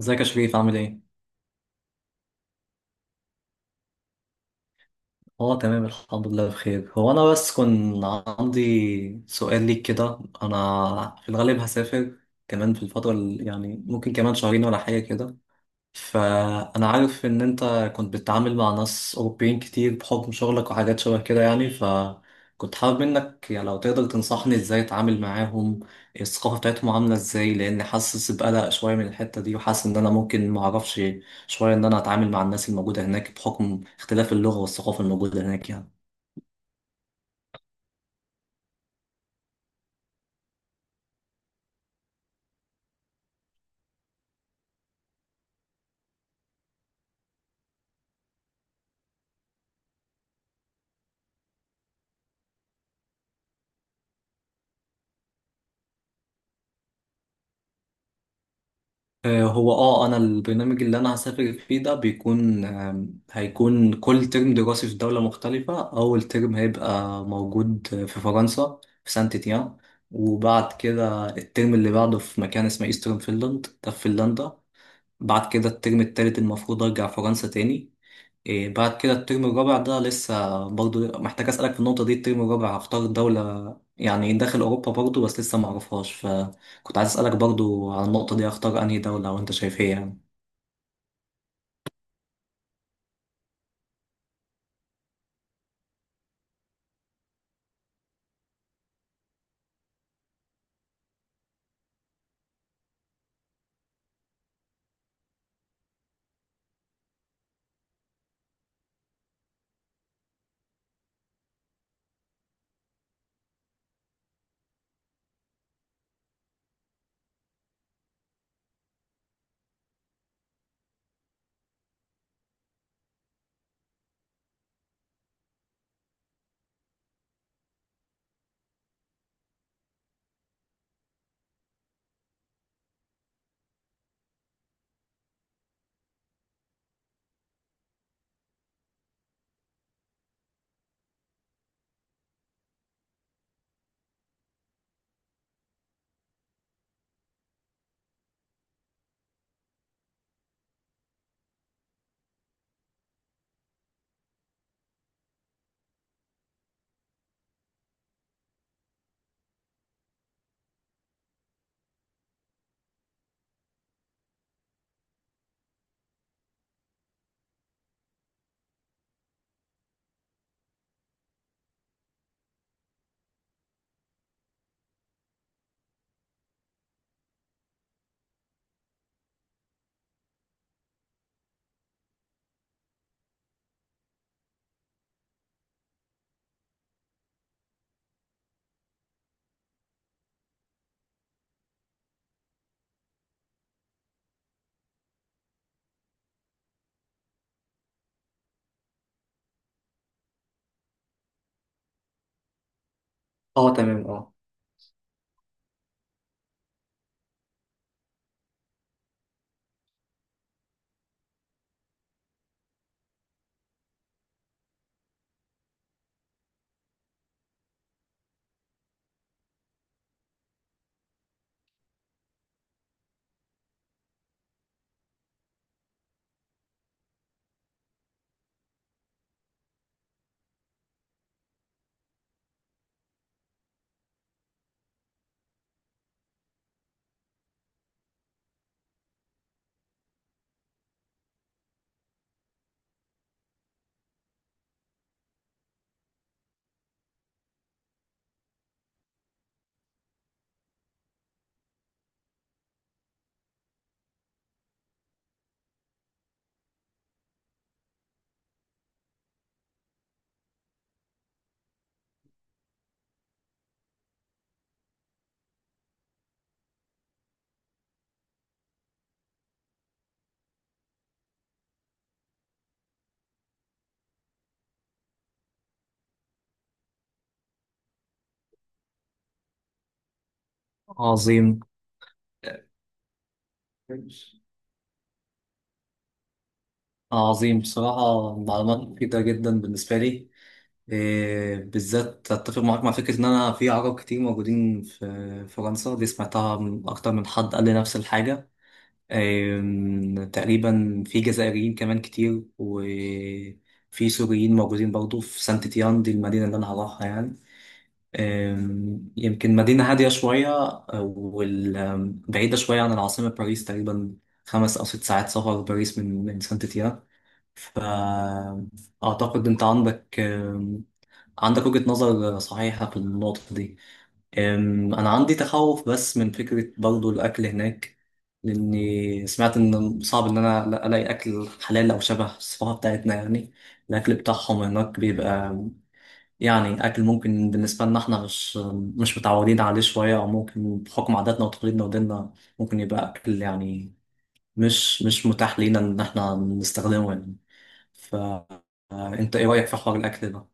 ازيك يا شريف عامل ايه؟ اه تمام الحمد لله بخير. هو انا بس كان عندي سؤال ليك كده. انا في الغالب هسافر كمان في الفترة ممكن كمان شهرين ولا حاجة كده. فأنا عارف إن أنت كنت بتتعامل مع ناس أوروبيين كتير بحكم شغلك وحاجات شبه كده يعني، فكنت حابب منك يعني لو تقدر تنصحني إزاي أتعامل معاهم، الثقافة بتاعتهم عاملة إزاي، لأن حاسس بقلق شوية من الحتة دي، وحاسس إن أنا ممكن معرفش شوية إن أنا أتعامل مع الناس الموجودة هناك بحكم اختلاف اللغة والثقافة الموجودة هناك يعني. هو اه انا البرنامج اللي انا هسافر فيه ده بيكون هيكون كل ترم دراسي في دولة مختلفة. اول ترم هيبقى موجود في فرنسا في سانت تيان، وبعد كده الترم اللي بعده في مكان اسمه ايسترن فينلاند ده في فنلندا. بعد كده الترم التالت المفروض ارجع فرنسا تاني. إيه بعد كده الترم الرابع ده لسه برضو محتاج أسألك في النقطة دي، الترم الرابع هختار دولة يعني داخل أوروبا برضو بس لسه معرفهاش، فكنت عايز أسألك برضو على النقطة دي هختار أنهي دولة وأنت شايف إيه يعني. اه تمام اه. عظيم. ماشي. عظيم، بصراحة معلومات مفيدة جدا بالنسبة لي. إيه، بالذات أتفق معاك مع فكرة إن أنا في عرب كتير موجودين في فرنسا دي، سمعتها من أكتر من حد قال لي نفس الحاجة. تقريبا في جزائريين كمان كتير، وفي سوريين موجودين برضو في سانت تيان دي المدينة اللي أنا هروحها يعني. يمكن مدينة هادية شوية وبعيدة شوية عن العاصمة باريس، تقريبا 5 أو 6 ساعات سفر باريس من من سانت تيان. فأعتقد أنت عندك عندك وجهة نظر صحيحة في النقطة دي. أنا عندي تخوف بس من فكرة برضو الأكل هناك، لأني سمعت إن صعب إن أنا ألاقي أكل حلال أو شبه الصفحة بتاعتنا يعني. الأكل بتاعهم هناك بيبقى يعني أكل ممكن بالنسبة لنا إحنا مش متعودين عليه شوية، أو ممكن بحكم عاداتنا وتقاليدنا وديننا ممكن يبقى أكل يعني مش متاح لينا إن إحنا نستخدمه يعني. فأنت إيه رأيك في حوار الأكل ده؟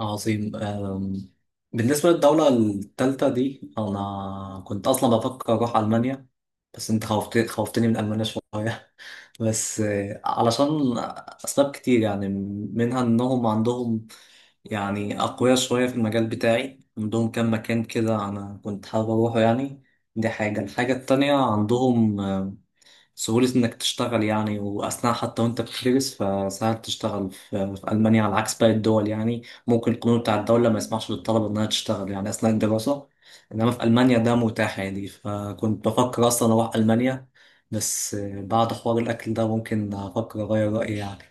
عظيم. بالنسبة للدولة التالتة دي أنا كنت أصلا بفكر أروح ألمانيا، بس أنت خوفت خوفتني من ألمانيا شوية. بس علشان أسباب كتير يعني، منها إنهم عندهم يعني أقوياء شوية في المجال بتاعي، عندهم كام مكان كده أنا كنت حابب أروحه يعني. دي حاجة. الحاجة التانية عندهم سهولة إنك تشتغل يعني، وأثناء حتى وأنت بتدرس فسهل تشتغل في ألمانيا على عكس باقي الدول يعني. ممكن القانون بتاع الدولة ما يسمحش للطلبة إنها تشتغل يعني أثناء الدراسة، إنما في ألمانيا ده متاح يعني. فكنت بفكر أصلا أروح ألمانيا بس بعد حوار الأكل ده ممكن أفكر أغير رأيي يعني.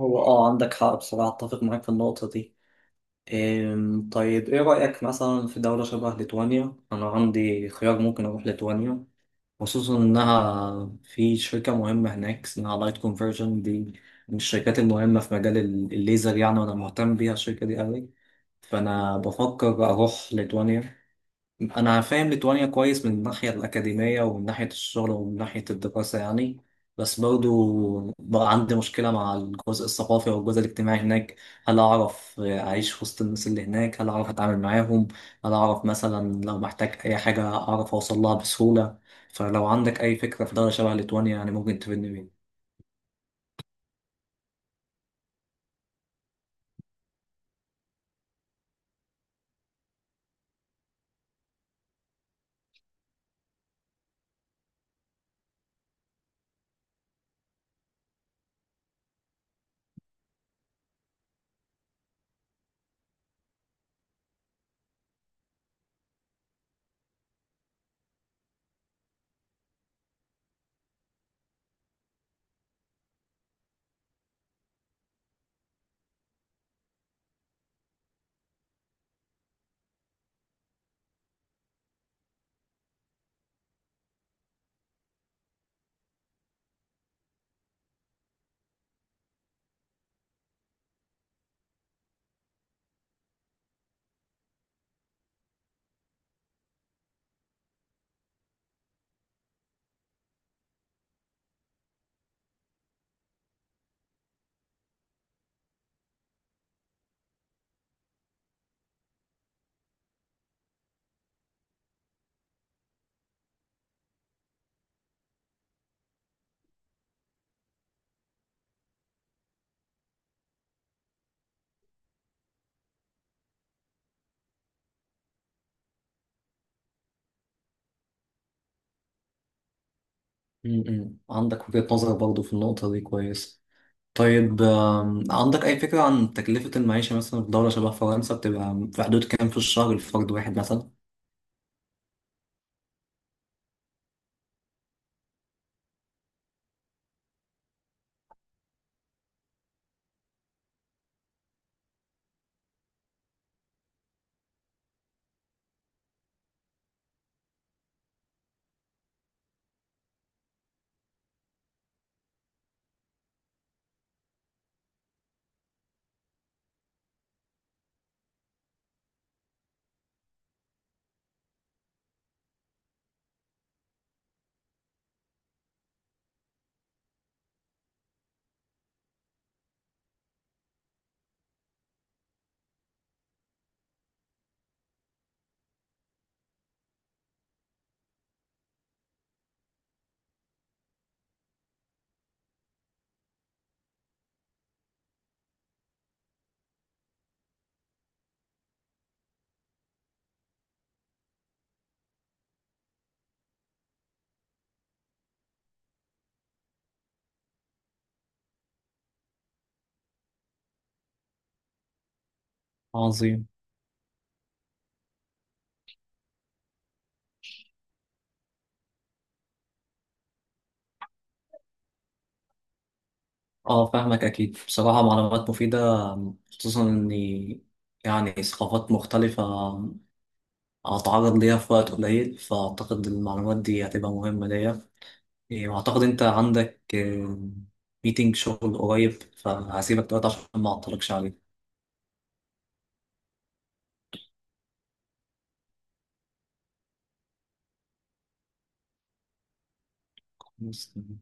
هو آه عندك حق بصراحة، أتفق معاك في النقطة دي. طيب إيه رأيك مثلا في دولة شبه ليتوانيا؟ أنا عندي خيار ممكن أروح ليتوانيا، خصوصا إنها في شركة مهمة هناك اسمها لايت كونفرجن دي، من الشركات المهمة في مجال الليزر يعني، وأنا مهتم بيها الشركة دي أوي. فأنا بفكر أروح ليتوانيا. انا فاهم ليتوانيا كويس من الناحيه الاكاديميه ومن ناحيه الشغل ومن ناحيه الدراسه يعني، بس برضو بقى عندي مشكله مع الجزء الثقافي والجزء الاجتماعي هناك. هل اعرف اعيش وسط الناس اللي هناك، هل اعرف اتعامل معاهم، هل اعرف مثلا لو محتاج اي حاجه اعرف اوصل لها بسهوله. فلو عندك اي فكره في دوله شبه ليتوانيا يعني ممكن تفيدني بيها. م- م. عندك وجهه نظر برضو في النقطه دي كويس. طيب عندك أي فكرة عن تكلفة المعيشة مثلا في دولة شبه فرنسا بتبقى في حدود كام في الشهر لفرد واحد مثلا؟ عظيم. اه فاهمك أكيد، بصراحة معلومات مفيدة. خصوصا إني يعني ثقافات مختلفة. هتعرض ليها في وقت قليل فأعتقد المعلومات دي هتبقى مهمة ليا. إيه، وأعتقد أنت عندك ميتينج شغل قريب فهسيبك دلوقتي عشان ما أعطلكش عليه